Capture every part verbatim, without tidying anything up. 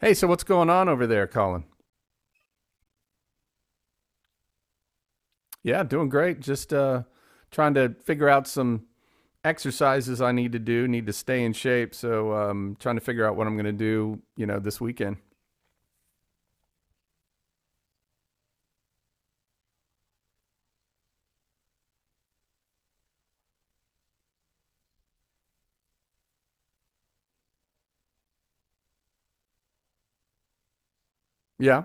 Hey, so what's going on over there, Colin? Yeah, doing great. Just uh, trying to figure out some exercises I need to do. Need to stay in shape. So um, trying to figure out what I'm going to do, you know, this weekend. Yeah.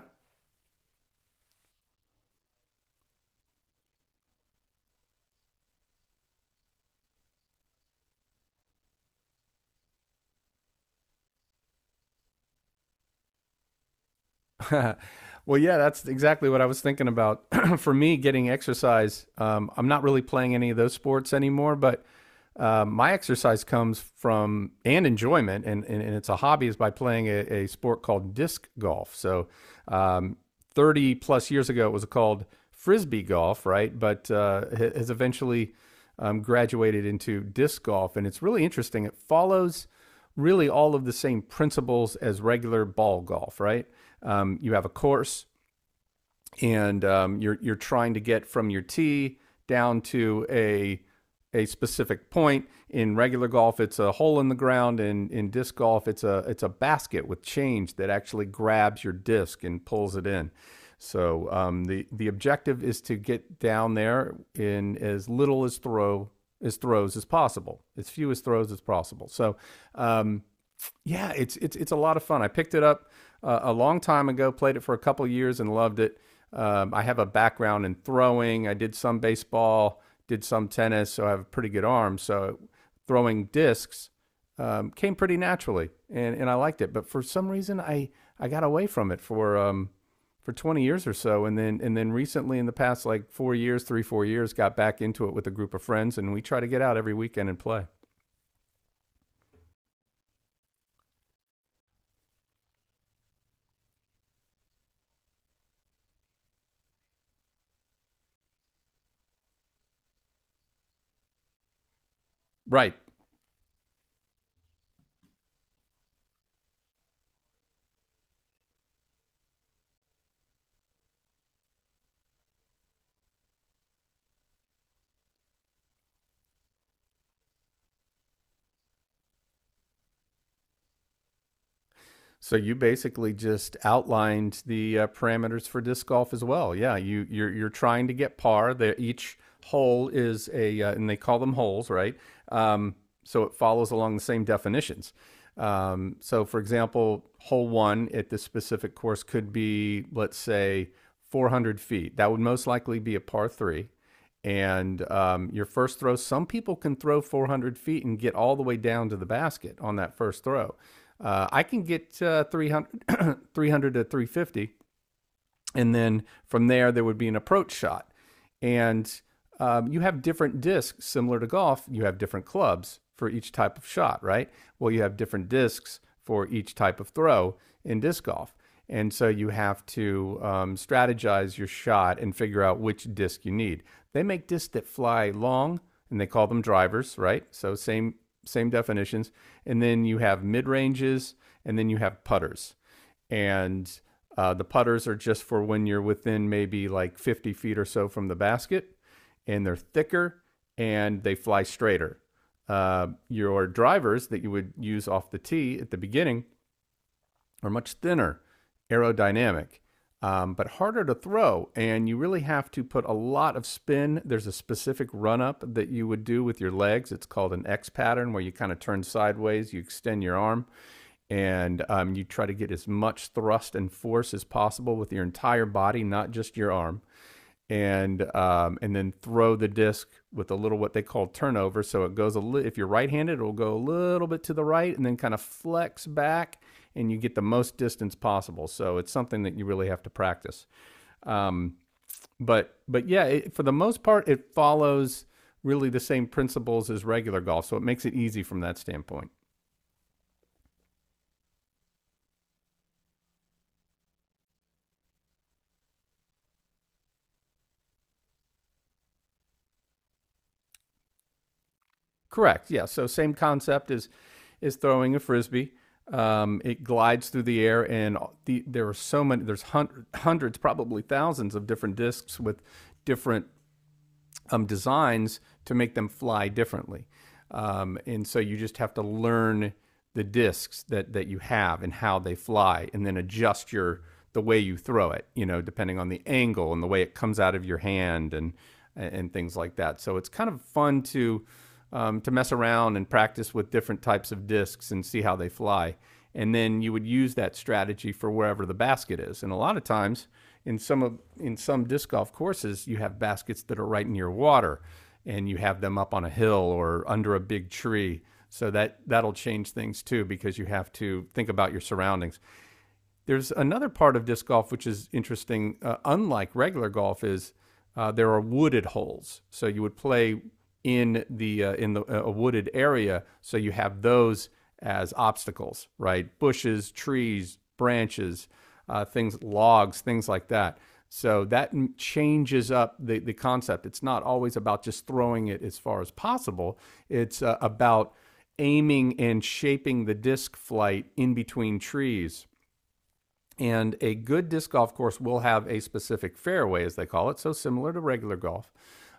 Well, yeah, that's exactly what I was thinking about. For me, getting exercise. Um, I'm not really playing any of those sports anymore, but uh, my exercise comes from and enjoyment, and, and, and it's a hobby, is by playing a, a sport called disc golf. So, um, thirty plus years ago, it was called frisbee golf, right? But uh, has eventually um, graduated into disc golf, and it's really interesting. It follows really all of the same principles as regular ball golf, right? Um, you have a course, and um, you're you're trying to get from your tee down to a a specific point. In regular golf, it's a hole in the ground, and in disc golf, it's a it's a basket with change that actually grabs your disc and pulls it in. So um, the the objective is to get down there in as little as throw as throws as possible, as few as throws as possible. So um, yeah, it's it's it's a lot of fun. I picked it up uh, a long time ago, played it for a couple years, and loved it. Um, I have a background in throwing. I did some baseball, did some tennis, so I have a pretty good arm. So throwing discs um, came pretty naturally, and and I liked it. But for some reason, I I got away from it for um for twenty years or so, and then and then recently in the past like four years, three four years, got back into it with a group of friends, and we try to get out every weekend and play. Right. So you basically just outlined the uh, parameters for disc golf as well. Yeah, you you're you're trying to get par. That each hole is a uh, and they call them holes, right? Um, so it follows along the same definitions. Um, so for example, hole one at this specific course could be, let's say, four hundred feet. That would most likely be a par three, and um, your first throw. Some people can throw four hundred feet and get all the way down to the basket on that first throw. Uh, I can get uh, three hundred to three fifty, and then from there there would be an approach shot, and um, you have different discs. Similar to golf, you have different clubs for each type of shot, right? Well, you have different discs for each type of throw in disc golf. And so you have to um, strategize your shot and figure out which disc you need. They make discs that fly long, and they call them drivers, right? So same same definitions. And then you have mid ranges, and then you have putters. And uh, the putters are just for when you're within maybe like fifty feet or so from the basket, and they're thicker and they fly straighter. Uh, your drivers that you would use off the tee at the beginning are much thinner, aerodynamic, um, but harder to throw. And you really have to put a lot of spin. There's a specific run up that you would do with your legs. It's called an X pattern, where you kind of turn sideways, you extend your arm, and um, you try to get as much thrust and force as possible with your entire body, not just your arm. And um, and then throw the disc with a little what they call turnover. So it goes a li- if you're right-handed, it'll go a little bit to the right and then kind of flex back, and you get the most distance possible. So it's something that you really have to practice. Um, but but yeah, it, for the most part, it follows really the same principles as regular golf, so it makes it easy from that standpoint. Correct. Yeah. So same concept is is throwing a frisbee. Um, it glides through the air, and the, there are so many. There's hundred, hundreds, probably thousands of different discs with different um, designs to make them fly differently. Um, and so you just have to learn the discs that, that you have and how they fly, and then adjust your the way you throw it, you know, depending on the angle and the way it comes out of your hand and and things like that. So it's kind of fun to um, to mess around and practice with different types of discs and see how they fly, and then you would use that strategy for wherever the basket is. And a lot of times, in some of in some disc golf courses, you have baskets that are right near water, and you have them up on a hill or under a big tree. So that that'll change things too because you have to think about your surroundings. There's another part of disc golf which is interesting. Uh, unlike regular golf, is uh, there are wooded holes. So you would play in the uh, in the, uh, a wooded area. So you have those as obstacles, right? Bushes, trees, branches, uh, things, logs, things like that. So that changes up the, the concept. It's not always about just throwing it as far as possible. It's uh, about aiming and shaping the disc flight in between trees. And a good disc golf course will have a specific fairway, as they call it, so similar to regular golf.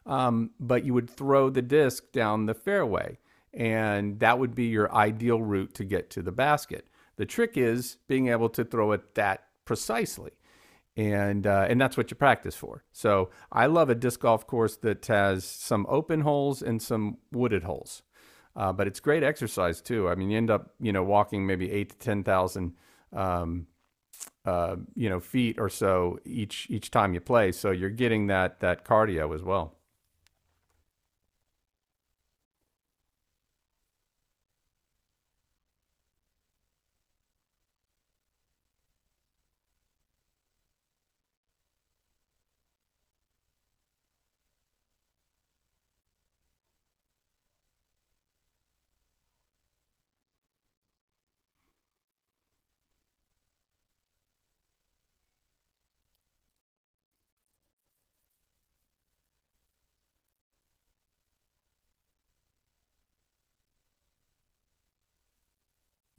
Um, but you would throw the disc down the fairway, and that would be your ideal route to get to the basket. The trick is being able to throw it that precisely, and uh, and that's what you practice for. So I love a disc golf course that has some open holes and some wooded holes. Uh, but it's great exercise too. I mean, you end up, you know, walking maybe eight to ten thousand um, uh, you know, feet or so each each time you play. So you're getting that that cardio as well.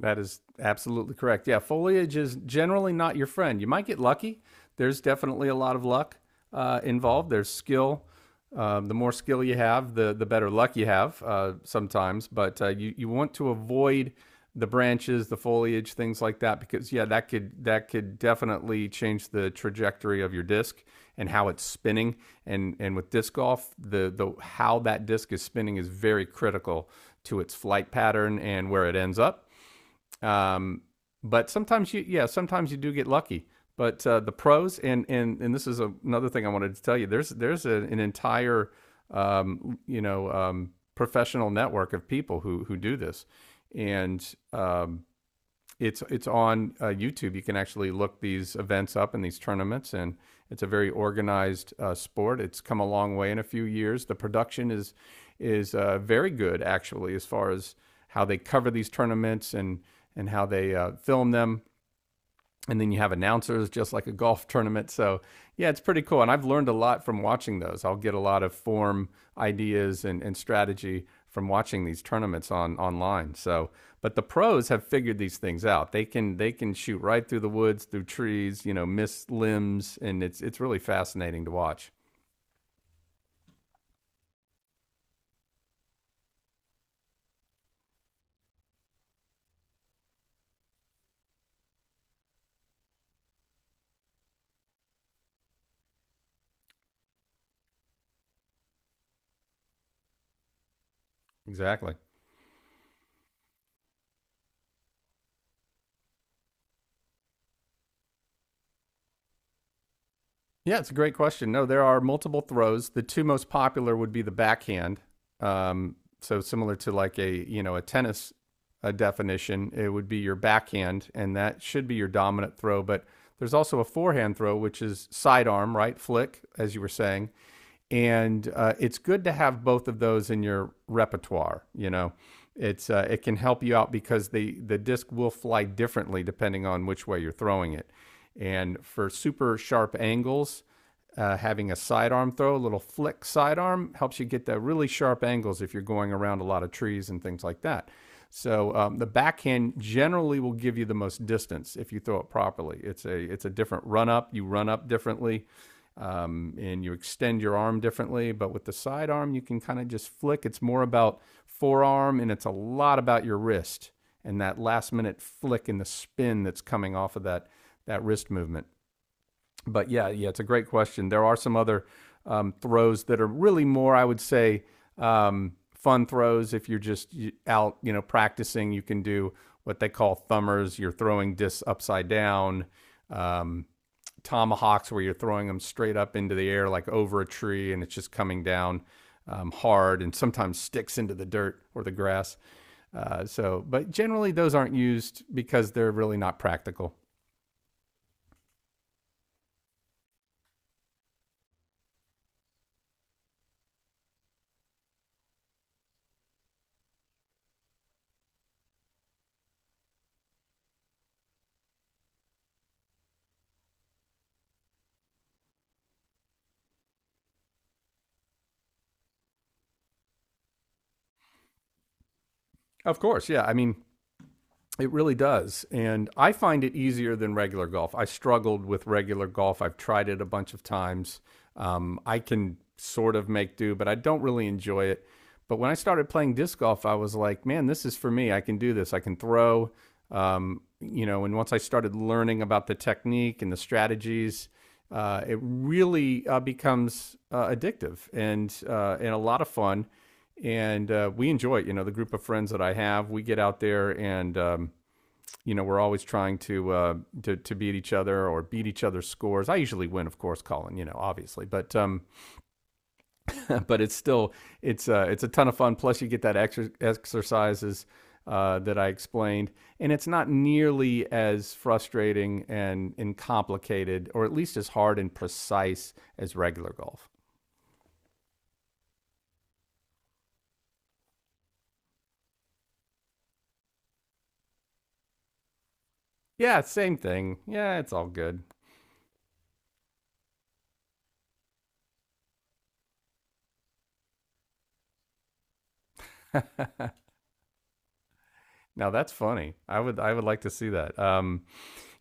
That is absolutely correct. Yeah, foliage is generally not your friend. You might get lucky. There's definitely a lot of luck uh, involved. There's skill. Um, the more skill you have, the the better luck you have uh, sometimes. But uh, you you want to avoid the branches, the foliage, things like that, because yeah, that could that could definitely change the trajectory of your disc and how it's spinning. And and with disc golf, the the how that disc is spinning is very critical to its flight pattern and where it ends up. um, but sometimes you, yeah, sometimes you do get lucky. But uh, the pros, and and and this is a, another thing I wanted to tell you. There's there's a, an entire, um, you know, um, professional network of people who who do this, and um, it's it's on uh, YouTube. You can actually look these events up and these tournaments, and it's a very organized uh, sport. It's come a long way in a few years. The production is is uh, very good actually, as far as how they cover these tournaments and and how they uh, film them, and then you have announcers just like a golf tournament. So yeah, it's pretty cool, and I've learned a lot from watching those. I'll get a lot of form ideas and, and strategy from watching these tournaments on online. So but the pros have figured these things out. They can they can shoot right through the woods through trees, you know, miss limbs, and it's it's really fascinating to watch. Exactly. Yeah, it's a great question. No, there are multiple throws. The two most popular would be the backhand. um, so similar to like, a you know, a tennis, a definition, it would be your backhand, and that should be your dominant throw. But there's also a forehand throw, which is sidearm, right? Flick, as you were saying. And uh, it's good to have both of those in your repertoire. You know, it's uh, it can help you out because the the disc will fly differently depending on which way you're throwing it. And for super sharp angles, uh, having a sidearm throw, a little flick sidearm, helps you get the really sharp angles if you're going around a lot of trees and things like that. So um, the backhand generally will give you the most distance if you throw it properly. It's a it's a different run up. You run up differently, um, and you extend your arm differently. But with the sidearm, you can kind of just flick. It's more about forearm, and it's a lot about your wrist and that last minute flick and the spin that's coming off of that that wrist movement. But yeah, yeah, it's a great question. There are some other um, throws that are really more, I would say, um, fun throws. If you're just out, you know, practicing, you can do what they call thumbers. You're throwing discs upside down. Um, Tomahawks, where you're throwing them straight up into the air, like over a tree, and it's just coming down um, hard and sometimes sticks into the dirt or the grass. Uh, so, but generally, those aren't used because they're really not practical. Of course, yeah. I mean, it really does. And I find it easier than regular golf. I struggled with regular golf. I've tried it a bunch of times. Um, I can sort of make do, but I don't really enjoy it. But when I started playing disc golf, I was like, man, this is for me. I can do this. I can throw. Um, you know, and once I started learning about the technique and the strategies, uh, it really uh, becomes uh, addictive and uh, and a lot of fun and uh, we enjoy it. You know, the group of friends that I have, we get out there and um, you know we're always trying to, uh, to to beat each other or beat each other's scores. I usually win, of course, Colin. You know, obviously, but um, but it's still it's uh, it's a ton of fun. Plus, you get that exer- exercises. Uh, that I explained, and it's not nearly as frustrating and, and complicated, or at least as hard and precise as regular golf. Yeah, same thing. Yeah, it's all good. Now that's funny. I would I would like to see that. Um,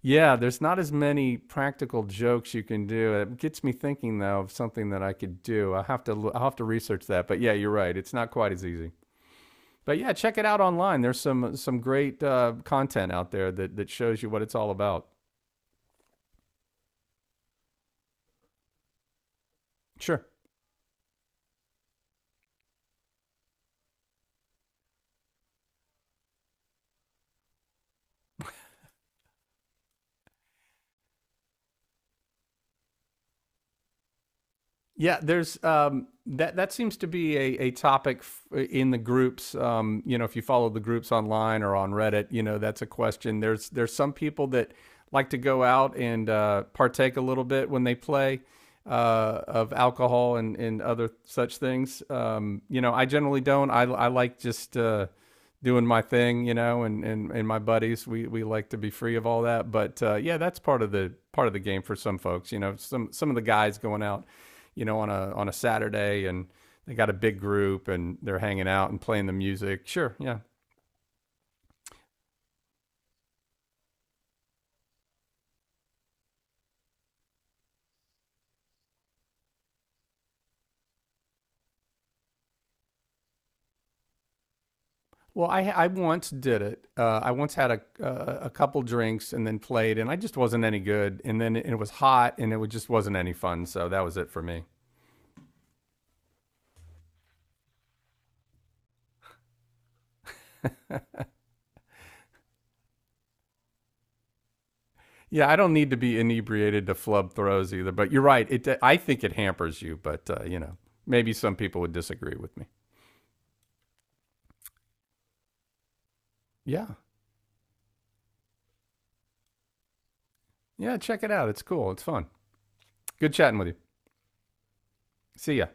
Yeah, there's not as many practical jokes you can do. It gets me thinking though of something that I could do. I have to lo- I'll have to research that. But yeah, you're right. It's not quite as easy. But yeah, check it out online. There's some some great uh, content out there that that shows you what it's all about. Sure. Yeah, there's um, that. That seems to be a, a topic f- in the groups. Um, you know, if you follow the groups online or on Reddit, you know that's a question. There's there's some people that like to go out and uh, partake a little bit when they play uh, of alcohol and, and other such things. Um, you know, I generally don't. I I like just uh, doing my thing. You know, and, and and my buddies, we we like to be free of all that. But uh, yeah, that's part of the part of the game for some folks. You know, some some of the guys going out you know, on a on a Saturday and they got a big group and they're hanging out and playing the music. Sure, yeah. Well, I I once did it. Uh, I once had a uh, a couple drinks and then played, and I just wasn't any good. And then it it was hot, and it was, just wasn't any fun. So that was it for me. Yeah, I don't need to be inebriated to flub throws either. But you're right. It I think it hampers you, but uh, you know, maybe some people would disagree with me. Yeah, yeah. Check it out. It's cool. It's fun. Good chatting with you. See ya.